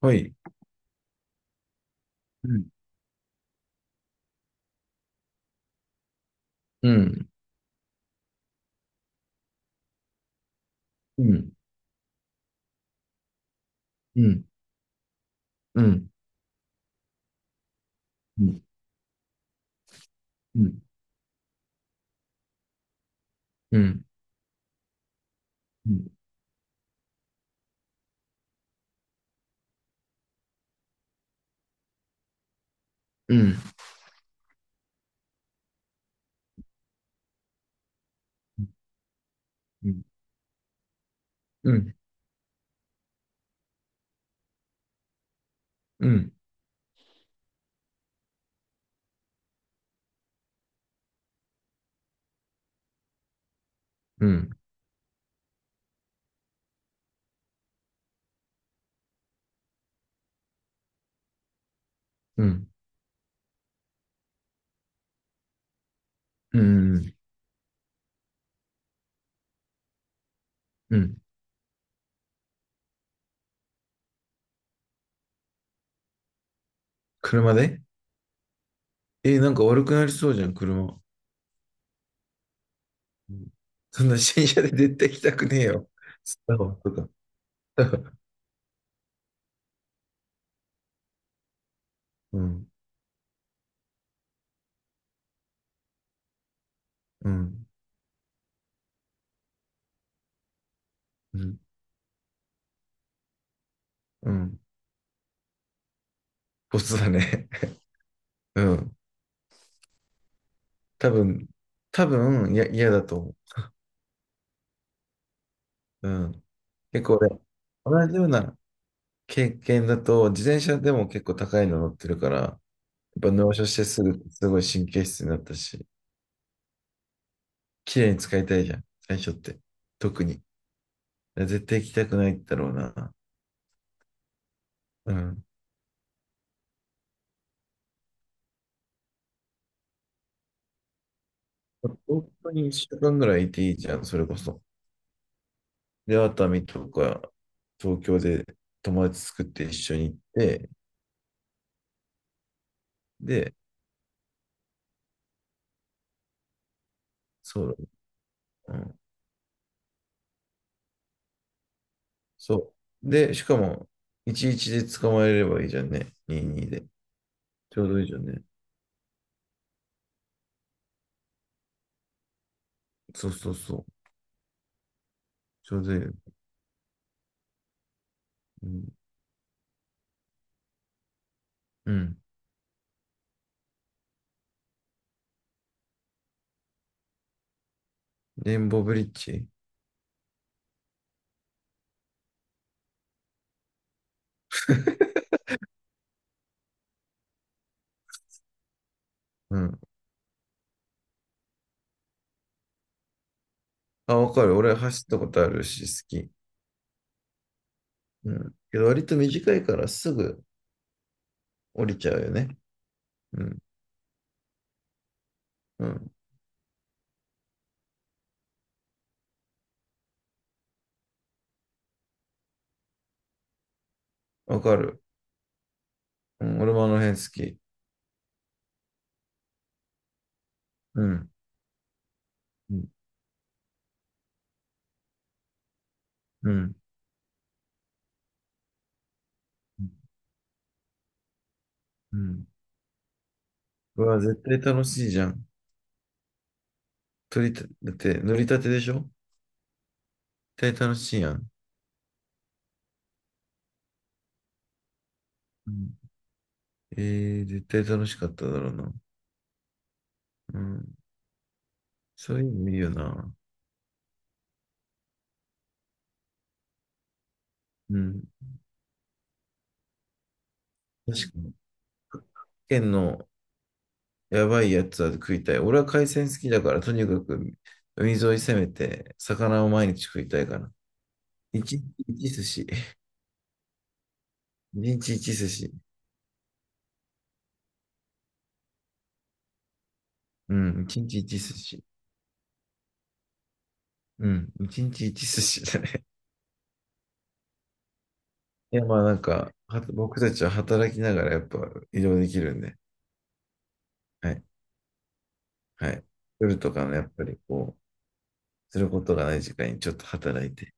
はい。うん、うん、うん、うん、うん、うん、うん、うん、うん、うん、うん、うん、うん、うん、うん、車でえ、なんか悪くなりそうじゃん、車。そんな新車で絶対行きたくねえよ。スタバとか。うん、うん、うん、うん。ボスだね。うん。多分、多分、いや、嫌だと思う。うん。結構俺、同じような経験だと、自転車でも結構高いの乗ってるから、っぱ納車してすぐ、すごい神経質になったし、綺麗に使いたいじゃん、最初って。特に。絶対行きたくないだろうな。うん。本当に1週間ぐらいいていいじゃん、それこそ。で、熱海とか、東京で友達作って一緒に行って、で、そうだ、うん。そう。で、しかも、11で捕まえればいいじゃんね。22で。ちょうどいいじゃんね。そうそうそう。ちょうどいいよ。うん。うん。レインボーブリッジ。うん。あ、わかる。俺走ったことあるし、好き。うん。けど割と短いからすぐ降りちゃうよね。うん。うん。わかる。うん。俺もあの辺好き。うん。うん。うん。うん。うわ、絶対楽しいじゃん。取りた、だって乗りたてでしょ、絶対楽しいやん。うん。えー、絶対楽しかっただろうな。うん。そういうのいいよな。うん。確かに。県のやばいやつは食いたい。俺は海鮮好きだから、とにかく海沿い攻めて、魚を毎日食いたいから。一日一寿司。一日一寿司。うん、一日一寿司。うん、一日一寿司だね。いや、まあなんか、は僕たちは働きながらやっぱ移動できるんで、はい、はい。夜とかのやっぱりこう、することがない時間にちょっと働いて、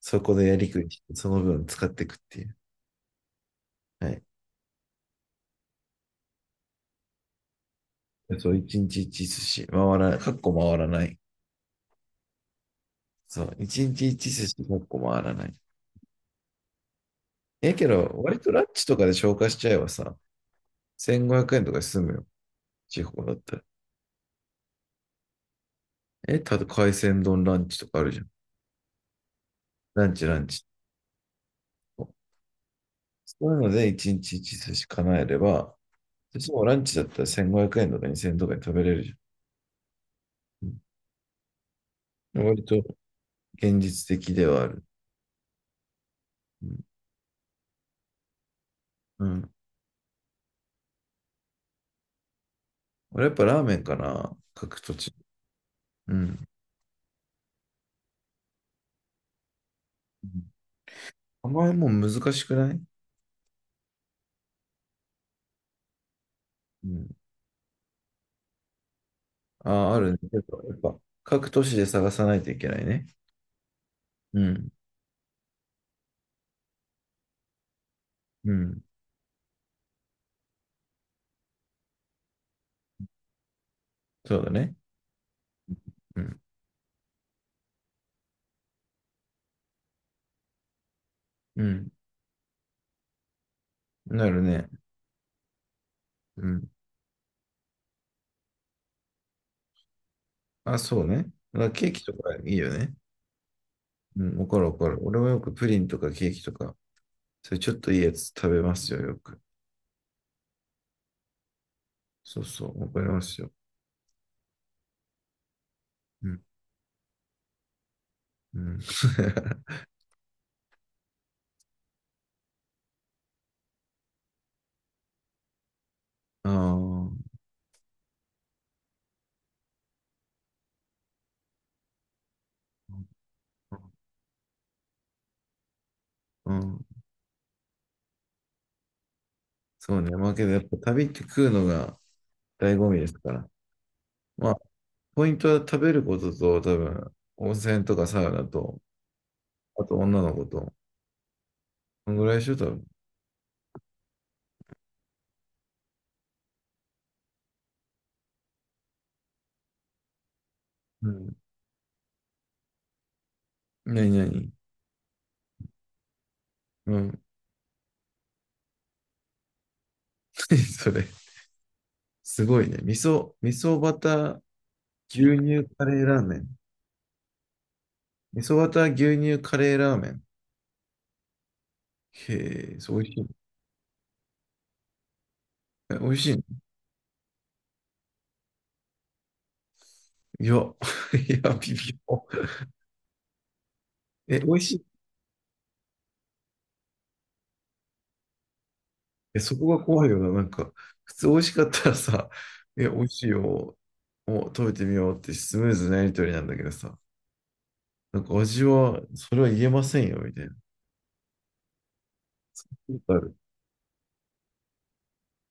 そこでやりくりして、その分使っていくっていう。はい。そう、一日一寿司。回らない、かっこ回らない。そう、一日一寿司100個回らない。ええけど、割とラッチとかで消化しちゃえばさ、1500円とかで済むよ。地方だったら。え、ただ海鮮丼ランチとかあるじゃん。ランチランチ。そういうので一日一寿司叶えれば、私もランチだったら1500円とか2000円とかに食べれるじゃん。うん、割と現実的ではある。うん。うん、俺やっぱラーメンかな。各土地。うん。うん、あんまりもう難しくない。うん。ああ、あるね。ちょっとやっぱ、各都市で探さないといけないね。うん。うん。そうだね。うん。うん。なるね。うん。あ、そうね。だからケーキとかいいよね。うん。わかるわかる。俺もよくプリンとかケーキとか、それちょっといいやつ食べますよ、よく。そうそう、わかりますよ。うん。うん。ああ。うん。そうね。まあけど、やっぱ旅って食うのが醍醐味ですから。まあ、ポイントは食べることと、多分、温泉とかサウナと、あと女の子と。こんぐらいでしょ、多分。うん。なになに。うん。何それ。すごいね。味噌、味噌バター、牛乳カレーラーメン。味噌バター、牛乳カレーラーメン。へえ、そう、美味しいね。え、美味しいの。いや、いや、微妙。え、美味しい。え、そこが怖いよな。なんか、普通美味しかったらさ、え、美味しいよ。お、食べてみようってスムーズなやりとりなんだけどさ。なんか味は、それは言えませんよ、みたいな。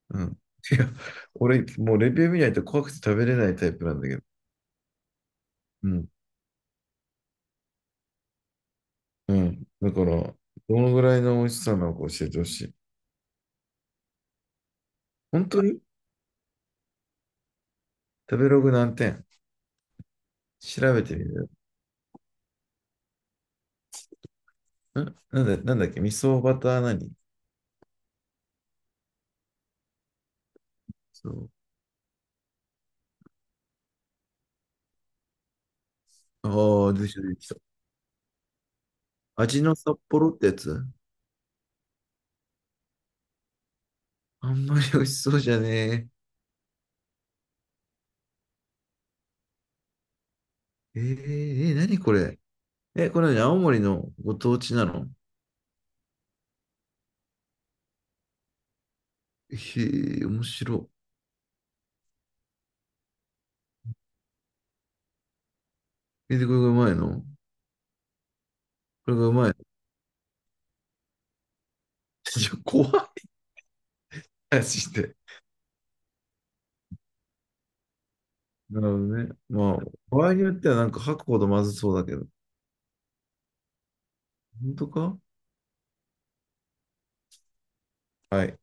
うん。いや、俺、もうレビュー見ないと怖くて食べれないタイプなんだけど。うん。うん。だから、どのぐらいの美味しさなのか教えてほしい。本当に。食べログ何点調べてみる。んなんだ、なんだっけ、味噌バター何。そう。ああ、出てきた、出てきた。味の札幌ってやつ。あんまり美味しそうじゃねえ。えー、えー、何これ。え、これ何、青森のご当地なの。へえ、面白い。え、で、これがうまいの。これがうまいの。じゃ、怖い話して。なるほどね。まあ、場合によってはなんか吐くほどまずそうだけど。本当か。はい。